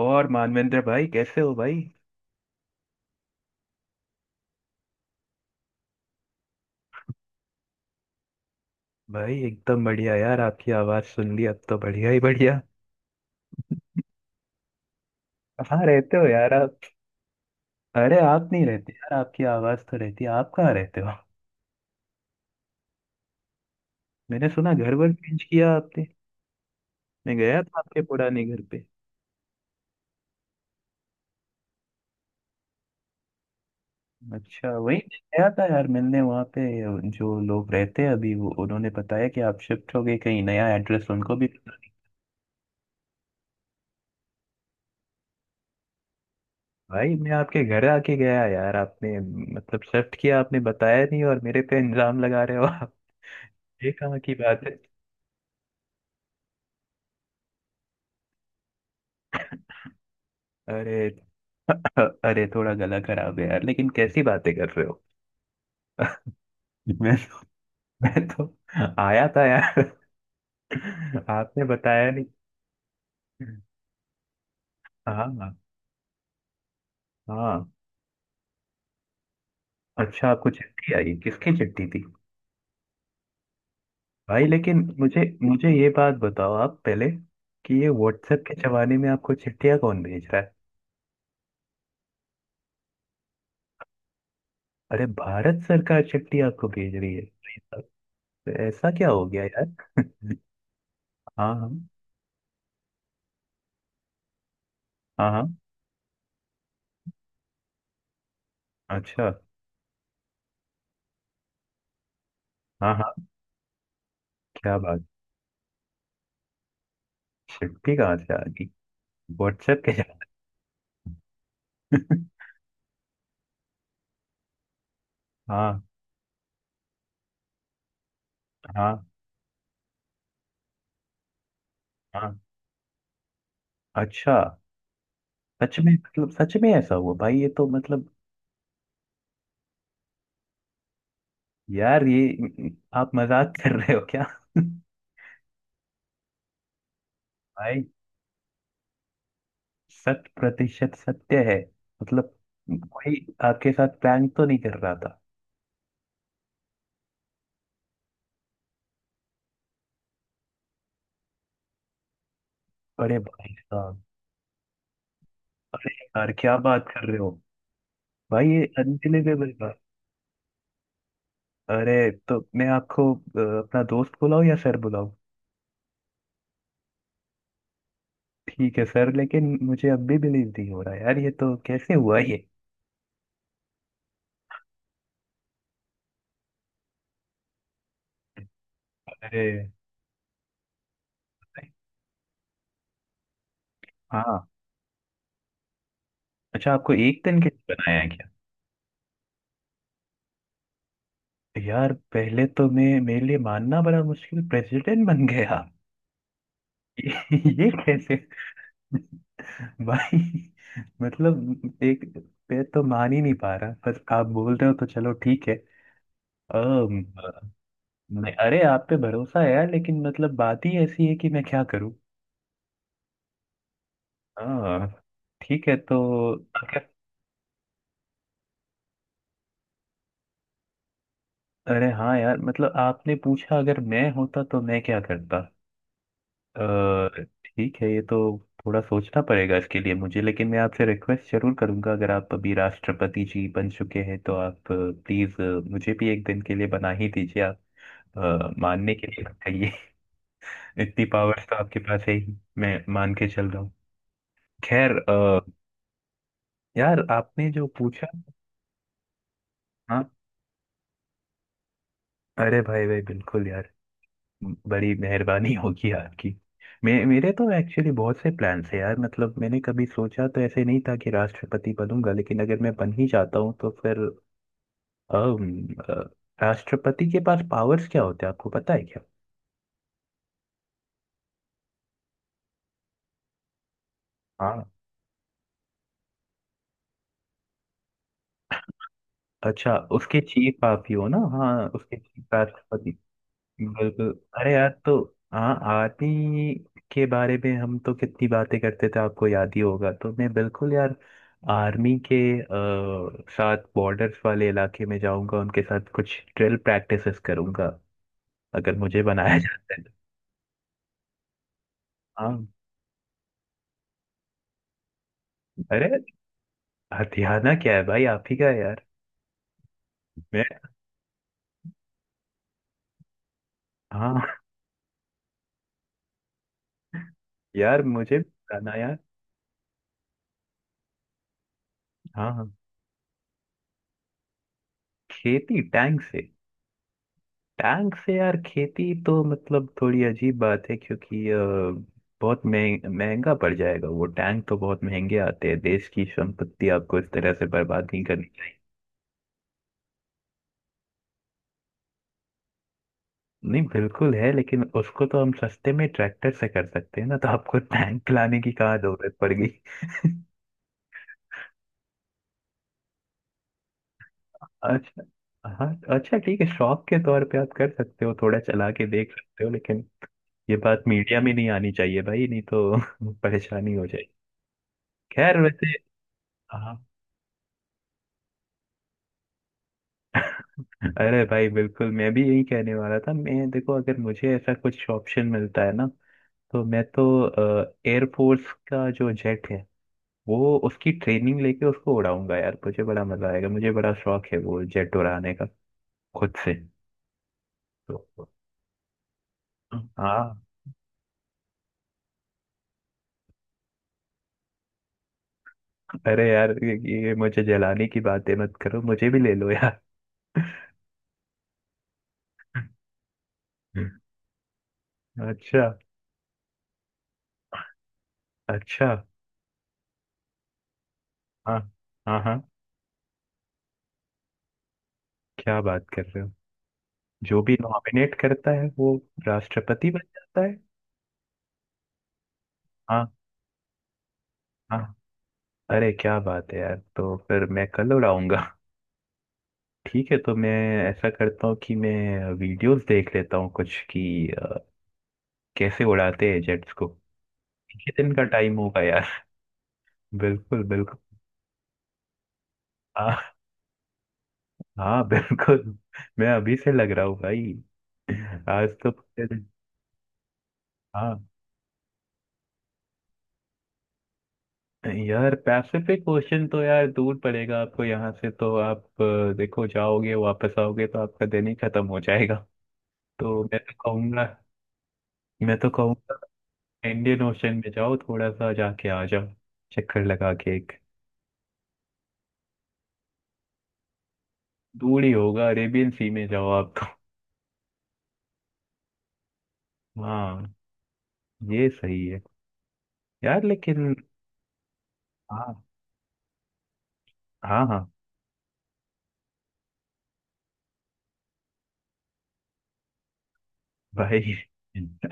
और मानवेंद्र भाई कैसे हो भाई। भाई एकदम बढ़िया यार, आपकी आवाज सुन ली, अब तो बढ़िया ही बढ़िया। कहाँ रहते हो यार आप? अरे आप नहीं रहते यार, आपकी आवाज तो रहती है। आप कहाँ रहते हो? मैंने सुना घर वर चेंज किया आपने। मैं गया था आपके पुराने घर पे। अच्छा, वही गया था यार मिलने, वहाँ पे जो लोग रहते हैं अभी, वो उन्होंने बताया कि आप शिफ्ट हो गए, कहीं नया एड्रेस उनको भी पता नहीं। भाई मैं आपके घर आके गया यार, आपने मतलब शिफ्ट किया, आपने बताया नहीं और मेरे पे इल्जाम लगा रहे हो आप। ये कहाँ की बात है? अरे अरे, थोड़ा गला खराब है यार, लेकिन कैसी बातें कर रहे हो। मैं तो, मैं तो आया था यार, आपने बताया नहीं। हाँ, हाँ। अच्छा, आपको चिट्ठी आई? किसकी चिट्ठी थी? भाई लेकिन मुझे मुझे ये बात बताओ आप पहले, कि ये व्हाट्सएप के जमाने में आपको चिट्ठियां कौन भेज रहा है? अरे भारत सरकार चिट्ठी आपको भेज रही है भाई साहब, तो ऐसा क्या हो गया यार? हाँ, हाँ। हाँ, हाँ। अच्छा। हाँ, हाँ। क्या बात! चिट्ठी कहाँ से आ गई? व्हाट्सएप के जरिए? हाँ, हाँ, हाँ। अच्छा, सच में? मतलब सच में ऐसा हुआ भाई? ये तो मतलब, यार ये, आप मजाक कर रहे हो क्या? भाई, शत प्रतिशत सत्य है? मतलब कोई आपके साथ प्रैंक तो नहीं कर रहा था? अरे भाई साहब। अरे यार क्या बात कर रहे हो? भाई, ये अनबिलीवेबल बात। अरे तो मैं आपको अपना दोस्त बुलाऊं या सर बुलाऊं? ठीक है सर, लेकिन मुझे अब भी बिलीव नहीं हो रहा यार, ये तो कैसे हुआ ये? अरे हाँ। अच्छा, आपको एक दिन के लिए बनाया है क्या? यार पहले तो, मैं, मेरे लिए मानना बड़ा मुश्किल, प्रेसिडेंट बन गया। ये ये कैसे? भाई, मतलब एक पे तो मान ही नहीं पा रहा, पर आप बोल रहे हो तो चलो ठीक है। अम, नहीं, अरे आप पे भरोसा है यार, लेकिन मतलब बात ही ऐसी है कि मैं क्या करूं। हाँ। ठीक है तो, अगर- अरे हाँ यार, मतलब आपने पूछा अगर मैं होता तो मैं क्या करता। अ, ठीक है, ये तो थोड़ा सोचना पड़ेगा इसके लिए मुझे, लेकिन मैं आपसे रिक्वेस्ट जरूर करूंगा, अगर आप अभी राष्ट्रपति जी बन चुके हैं तो आप प्लीज मुझे भी एक दिन के लिए बना ही दीजिए आप। मानने के लिए चाहिए। इतनी पावर्स तो आपके पास है ही, मैं मान के चल रहा हूँ। खैर, यार आपने जो पूछा। हाँ। अरे भाई भाई बिल्कुल यार, बड़ी मेहरबानी होगी आपकी। मेरे तो एक्चुअली बहुत से प्लान्स हैं यार, मतलब मैंने कभी सोचा तो ऐसे नहीं था कि राष्ट्रपति बनूंगा, लेकिन अगर मैं बन ही जाता हूँ तो फिर अम, अ, राष्ट्रपति के पास पावर्स क्या होते हैं, आपको पता है क्या? हाँ। अच्छा, उसके चीफ आप ही हो ना? हाँ, उसके चीफ राष्ट्रपति। बिल्कुल। अरे यार तो, हाँ, आर्मी के बारे में हम तो कितनी बातें करते थे, आपको याद ही होगा, तो मैं बिल्कुल यार आर्मी के साथ बॉर्डर्स वाले इलाके में जाऊंगा, उनके साथ कुछ ड्रिल प्रैक्टिसेस करूंगा, अगर मुझे बनाया जाता है तो। हाँ। अरे हथियाना क्या है भाई, आप ही का है यार। मैं। हाँ यार मुझे बनाया। हाँ, हाँ। खेती टैंक से? टैंक से यार, खेती तो मतलब थोड़ी अजीब बात है, क्योंकि बहुत महंगा पड़ जाएगा। वो टैंक तो बहुत महंगे आते हैं, देश की संपत्ति आपको इस तरह से बर्बाद नहीं करनी चाहिए। नहीं बिल्कुल है, लेकिन उसको तो हम सस्ते में ट्रैक्टर से कर सकते हैं ना, तो आपको टैंक लाने की कहाँ जरूरत पड़ गई? अच्छा। हाँ। अच्छा ठीक है, शौक के तौर पे आप कर सकते हो, थोड़ा चला के देख सकते हो, लेकिन ये बात मीडिया में नहीं आनी चाहिए भाई, नहीं तो परेशानी हो जाएगी। खैर वैसे। हाँ। अरे भाई बिल्कुल, मैं भी यही कहने वाला था। मैं देखो, अगर मुझे ऐसा कुछ ऑप्शन मिलता है ना, तो मैं तो एयरफोर्स का जो जेट है, वो उसकी ट्रेनिंग लेके उसको उड़ाऊंगा यार, मुझे बड़ा मजा आएगा, मुझे बड़ा शौक है वो जेट उड़ाने का, खुद से। तो हाँ। अरे यार ये मुझे जलाने की बातें मत करो, मुझे भी ले लो यार। अच्छा। अच्छा। हाँ, हाँ, हाँ, क्या बात कर रहे हो? जो भी नॉमिनेट करता है वो राष्ट्रपति बन जाता है? हाँ, हाँ। अरे क्या बात है यार, तो फिर मैं कल उड़ाऊंगा। ठीक है, तो मैं ऐसा करता हूँ कि मैं वीडियोस देख लेता हूँ कुछ, कि कैसे उड़ाते हैं जेट्स को। कितने दिन का टाइम होगा यार? बिल्कुल बिल्कुल। हाँ, हाँ। बिल्कुल। मैं अभी से लग रहा हूँ भाई। आज तो हाँ यार, पैसिफिक ओशन तो यार दूर पड़ेगा आपको यहाँ से, तो आप देखो, जाओगे, वापस आओगे तो आपका दिन ही खत्म हो जाएगा। तो मैं तो कहूंगा इंडियन ओशन में जाओ, थोड़ा सा जाके आ जाओ, चक्कर लगा के एक। दूर ही होगा, अरेबियन सी में जाओ आप तो। हाँ। ये सही है। यार लेकिन, हाँ, हाँ, हाँ, भाई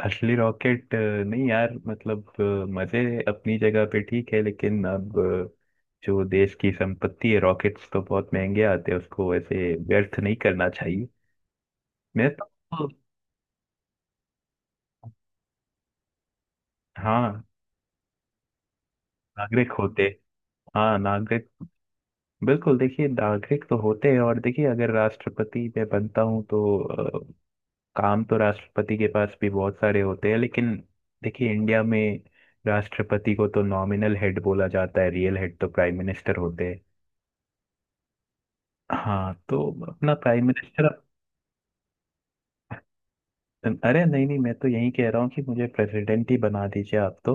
असली रॉकेट नहीं यार, मतलब मजे अपनी जगह पे ठीक है, लेकिन अब जो देश की संपत्ति है, रॉकेट्स तो बहुत महंगे आते हैं, उसको ऐसे व्यर्थ नहीं करना चाहिए। मैं तो। हाँ, नागरिक होते। हाँ नागरिक। बिल्कुल, देखिए नागरिक तो होते हैं, और देखिए अगर राष्ट्रपति मैं बनता हूँ तो काम तो राष्ट्रपति के पास भी बहुत सारे होते हैं, लेकिन देखिए इंडिया में राष्ट्रपति को तो नॉमिनल हेड बोला जाता है, रियल हेड तो प्राइम मिनिस्टर होते हैं। हाँ तो अपना प्राइम मिनिस्टर। अरे नहीं नहीं, मैं तो यही कह रहा हूँ कि मुझे प्रेसिडेंट ही बना दीजिए आप, तो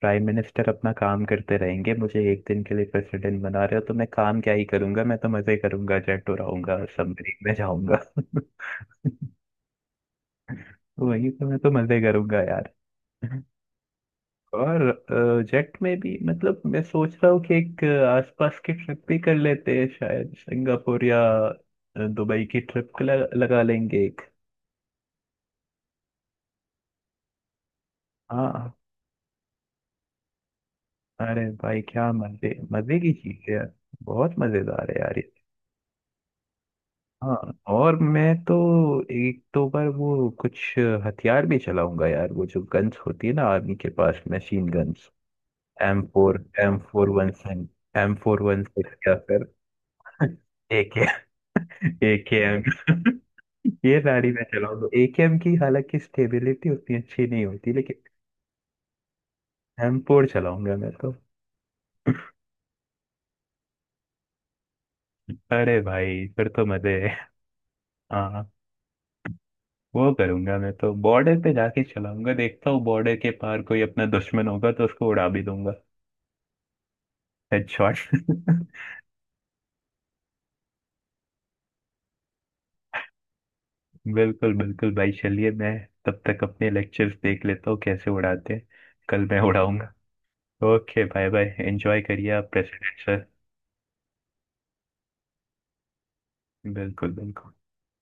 प्राइम मिनिस्टर अपना काम करते रहेंगे, मुझे एक दिन के लिए प्रेसिडेंट बना रहे हो तो मैं काम क्या ही करूंगा, मैं तो मजे करूंगा, जेट उड़ाऊंगा, सबमरीन में जाऊंगा। वही तो, मैं तो मजे करूंगा यार। और जेट में भी मतलब मैं सोच रहा हूँ कि एक आसपास की ट्रिप भी कर लेते हैं, शायद सिंगापुर या अ, दुबई की ट्रिप लगा लेंगे एक। हाँ। अरे भाई क्या मजे मजे की चीज है यार। बहुत मजेदार है यार ये। हाँ। और मैं तो एक दो बार वो कुछ हथियार भी चलाऊंगा यार, वो जो गन्स होती है ना, आर्मी के पास machine guns, M4, M417, M416, या फिर एक AKM। ये गाड़ी मैं चलाऊंगा AKM की, हालांकि स्टेबिलिटी उतनी अच्छी नहीं होती, लेकिन एमपोर चलाऊंगा मैं तो। अरे भाई फिर तो मजे है। हाँ। वो करूंगा मैं, तो बॉर्डर पे जाके चलाऊंगा, देखता हूँ बॉर्डर के पार कोई अपना दुश्मन होगा तो उसको उड़ा भी दूंगा, हेडशॉट। बिल्कुल बिल्कुल भाई, चलिए मैं तब तक अपने लेक्चर्स देख लेता हूँ, कैसे उड़ाते हैं, कल मैं उड़ाऊंगा। ओके, बाय बाय, एंजॉय करिए आप प्रेसिडेंट सर। बिल्कुल बिल्कुल।